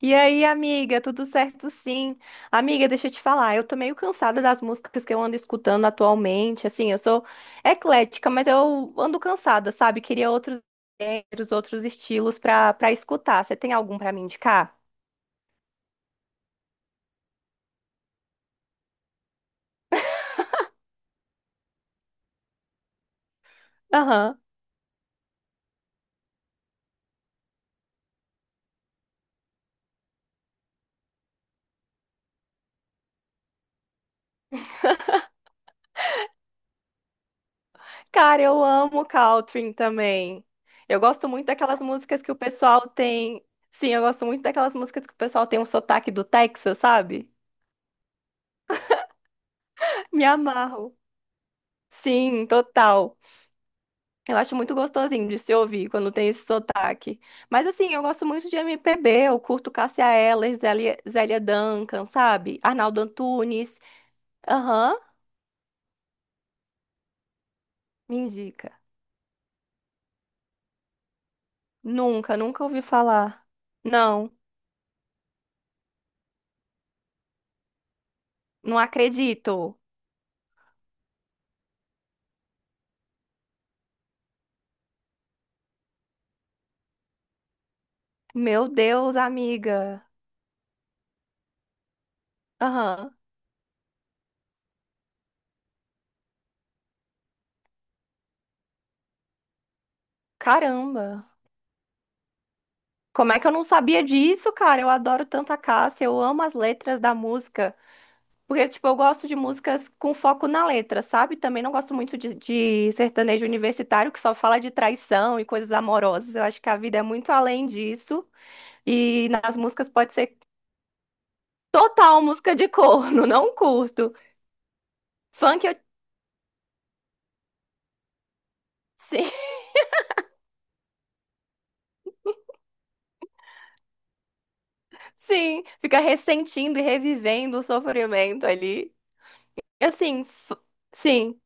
E aí, amiga, tudo certo? Sim. Amiga, deixa eu te falar, eu tô meio cansada das músicas que eu ando escutando atualmente. Assim, eu sou eclética, mas eu ando cansada, sabe? Queria outros gêneros, outros estilos pra escutar. Você tem algum pra me indicar? Aham. Cara, eu amo country também. Eu gosto muito daquelas músicas que o pessoal tem. Sim, eu gosto muito daquelas músicas que o pessoal tem um sotaque do Texas, sabe? Me amarro. Sim, total. Eu acho muito gostosinho de se ouvir quando tem esse sotaque. Mas assim, eu gosto muito de MPB, eu curto Cássia Eller, Zélia, Zélia Duncan, sabe? Arnaldo Antunes. Aham, me indica. Nunca ouvi falar. Não, não acredito. Meu Deus, amiga. Aham, caramba. Como é que eu não sabia disso, cara? Eu adoro tanto a Cássia, eu amo as letras da música. Porque, tipo, eu gosto de músicas com foco na letra, sabe? Também não gosto muito de sertanejo universitário que só fala de traição e coisas amorosas. Eu acho que a vida é muito além disso. E nas músicas pode ser total música de corno, não curto. Funk, eu... sim, sim, fica ressentindo e revivendo o sofrimento ali. Assim, sim,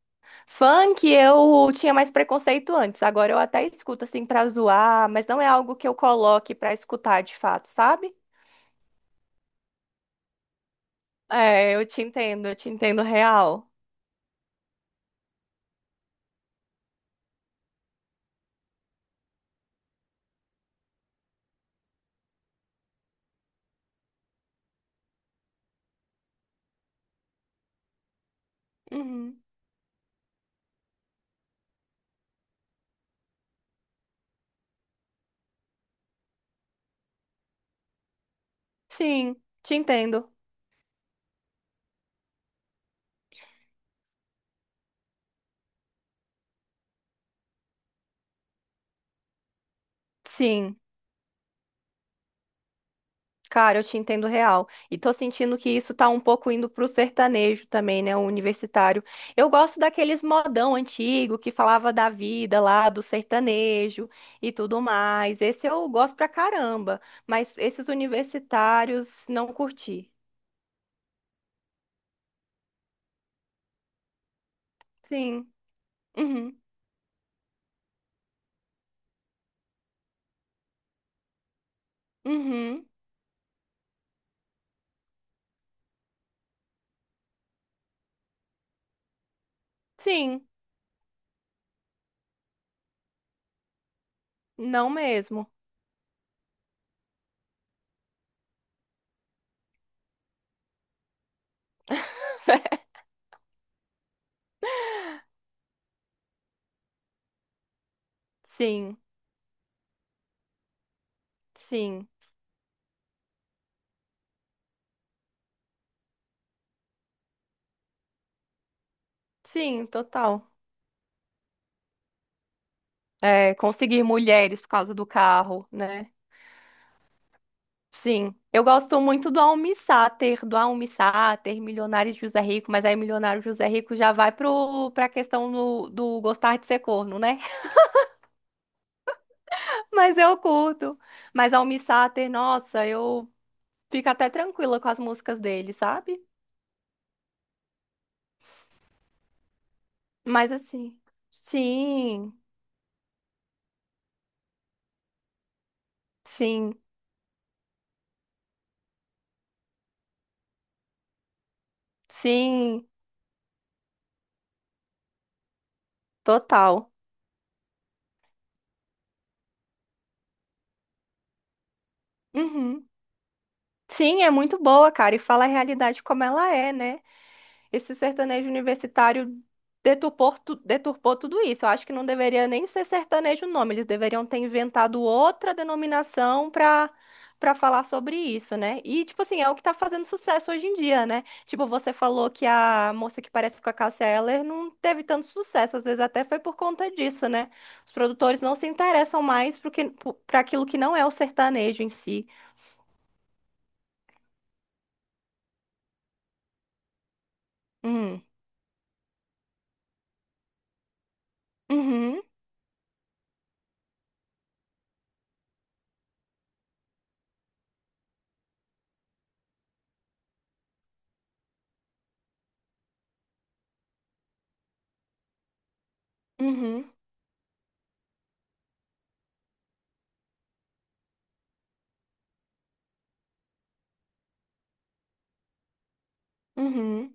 funk eu tinha mais preconceito antes. Agora eu até escuto, assim, pra zoar, mas não é algo que eu coloque pra escutar de fato, sabe? É, eu te entendo real. Uhum. Sim, te entendo. Sim, cara, eu te entendo real. E tô sentindo que isso tá um pouco indo pro sertanejo também, né? O universitário. Eu gosto daqueles modão antigo que falava da vida lá, do sertanejo e tudo mais. Esse eu gosto pra caramba. Mas esses universitários não curti. Sim. Uhum. Uhum. Sim. Não mesmo. Sim, sim, sim, total. É, conseguir mulheres por causa do carro, né? Sim. Eu gosto muito do Almi Sater, Milionário de José Rico, mas aí Milionário José Rico já vai pra questão do, do gostar de ser corno, né? Mas eu curto. Mas Almi Sater, nossa, eu fico até tranquila com as músicas dele, sabe? Mas assim, sim, sim, sim, total. Uhum. Sim, é muito boa, cara, e fala a realidade como ela é, né? Esse sertanejo universitário deturpou, deturpou tudo isso. Eu acho que não deveria nem ser sertanejo o nome, eles deveriam ter inventado outra denominação para falar sobre isso, né? E, tipo assim, é o que tá fazendo sucesso hoje em dia, né? Tipo, você falou que a moça que parece com a Cássia Eller não teve tanto sucesso, às vezes até foi por conta disso, né? Os produtores não se interessam mais para aquilo que não é o sertanejo em si. Hum. Uhum, uhum, uhum,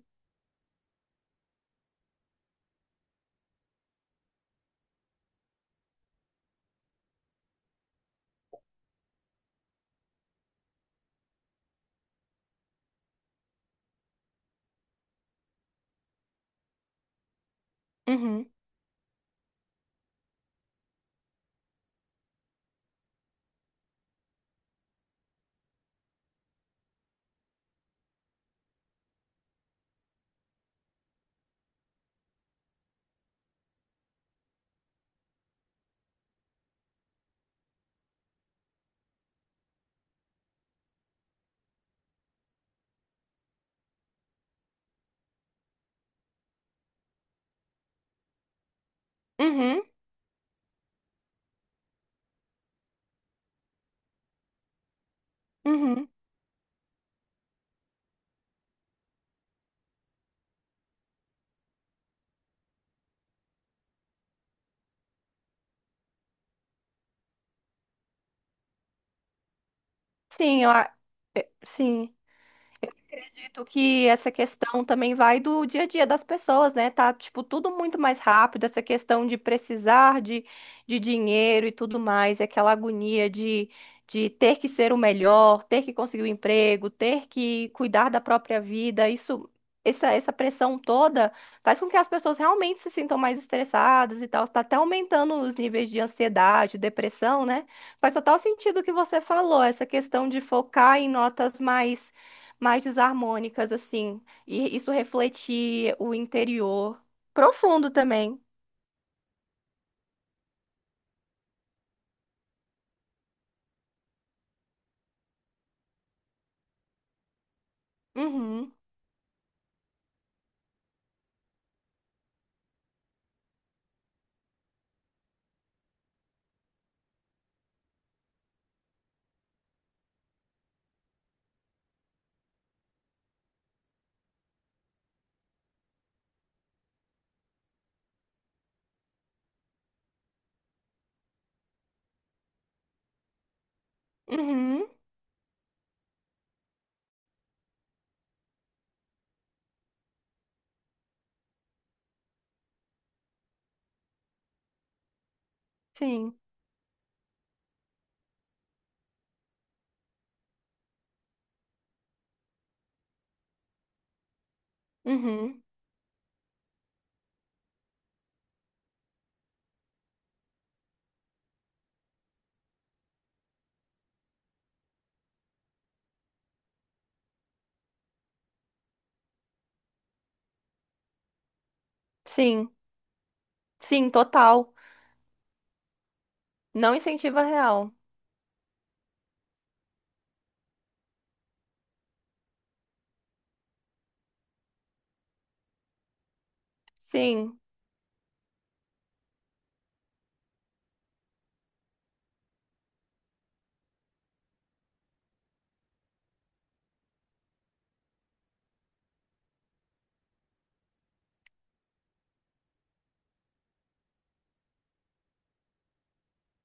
uhum, uhum, uhum, uhum. Sim, sim acredito que essa questão também vai do dia a dia das pessoas, né? Tá, tipo, tudo muito mais rápido, essa questão de precisar de dinheiro e tudo mais, é aquela agonia de ter que ser o melhor, ter que conseguir o emprego, ter que cuidar da própria vida, isso. Essa pressão toda faz com que as pessoas realmente se sintam mais estressadas e tal. Está até aumentando os níveis de ansiedade, depressão, né? Faz total sentido o que você falou, essa questão de focar em notas mais desarmônicas, assim, e isso refletir o interior profundo também. Uhum, uhum, sim, uhum, sim, sim, total. Não incentiva real. Sim.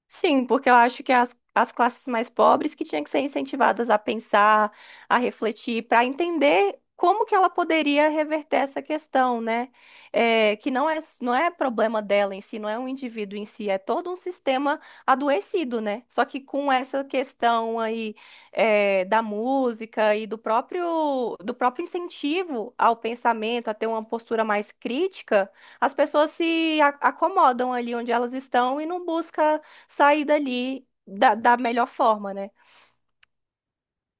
Sim, porque eu acho que as classes mais pobres que tinham que ser incentivadas a pensar, a refletir, para entender como que ela poderia reverter essa questão, né? É, que não é, não é problema dela em si, não é um indivíduo em si, é todo um sistema adoecido, né? Só que com essa questão aí é, da música e do próprio incentivo ao pensamento, a ter uma postura mais crítica, as pessoas se acomodam ali onde elas estão e não busca sair dali da melhor forma, né?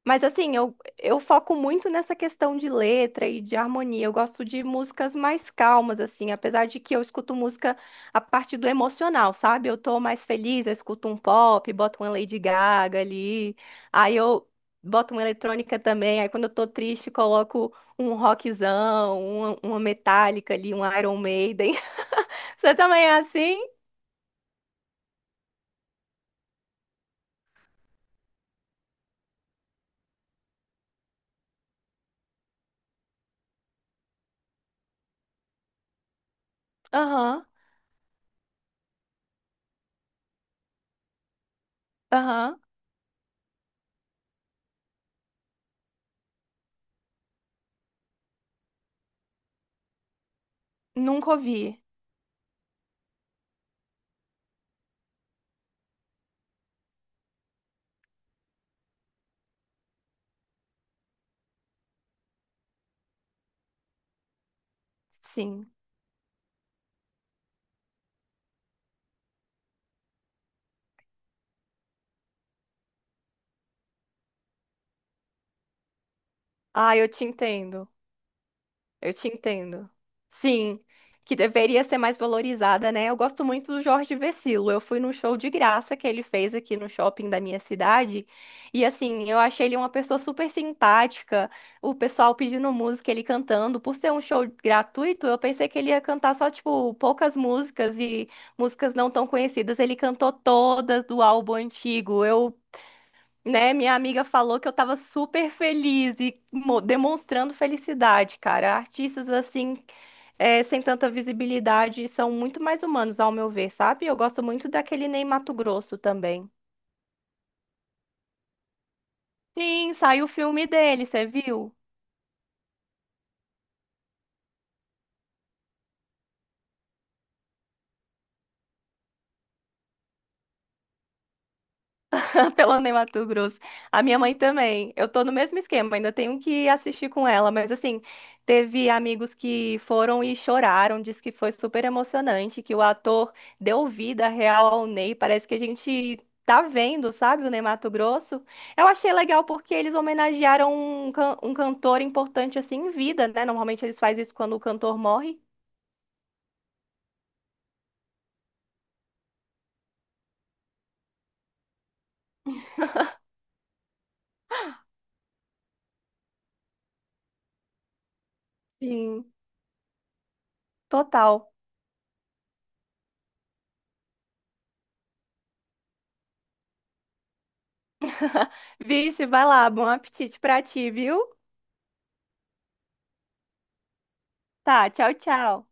Mas assim, eu foco muito nessa questão de letra e de harmonia. Eu gosto de músicas mais calmas, assim, apesar de que eu escuto música a partir do emocional, sabe? Eu tô mais feliz, eu escuto um pop, boto uma Lady Gaga ali, aí eu boto uma eletrônica também, aí quando eu tô triste, coloco um rockzão, uma Metallica ali, um Iron Maiden. Você também é assim? Aham, aham. Nunca ouvi. Sim. Ah, eu te entendo. Eu te entendo. Sim, que deveria ser mais valorizada, né? Eu gosto muito do Jorge Vercillo. Eu fui num show de graça que ele fez aqui no shopping da minha cidade. E assim, eu achei ele uma pessoa super simpática. O pessoal pedindo música, ele cantando. Por ser um show gratuito, eu pensei que ele ia cantar só, tipo, poucas músicas e músicas não tão conhecidas. Ele cantou todas do álbum antigo. Eu né, minha amiga falou que eu tava super feliz e demonstrando felicidade, cara. Artistas assim, sem tanta visibilidade, são muito mais humanos, ao meu ver, sabe? Eu gosto muito daquele Ney Matogrosso também. Sim, saiu o filme dele, você viu? Pelando em Mato Grosso. A minha mãe também. Eu tô no mesmo esquema, ainda tenho que assistir com ela, mas assim, teve amigos que foram e choraram, disse que foi super emocionante, que o ator deu vida real ao Ney, parece que a gente tá vendo, sabe, o Ney Mato Grosso. Eu achei legal porque eles homenagearam um cantor importante assim em vida, né? Normalmente eles fazem isso quando o cantor morre. Sim, total. Vixe, vai lá, bom apetite pra ti, viu? Tá, tchau, tchau.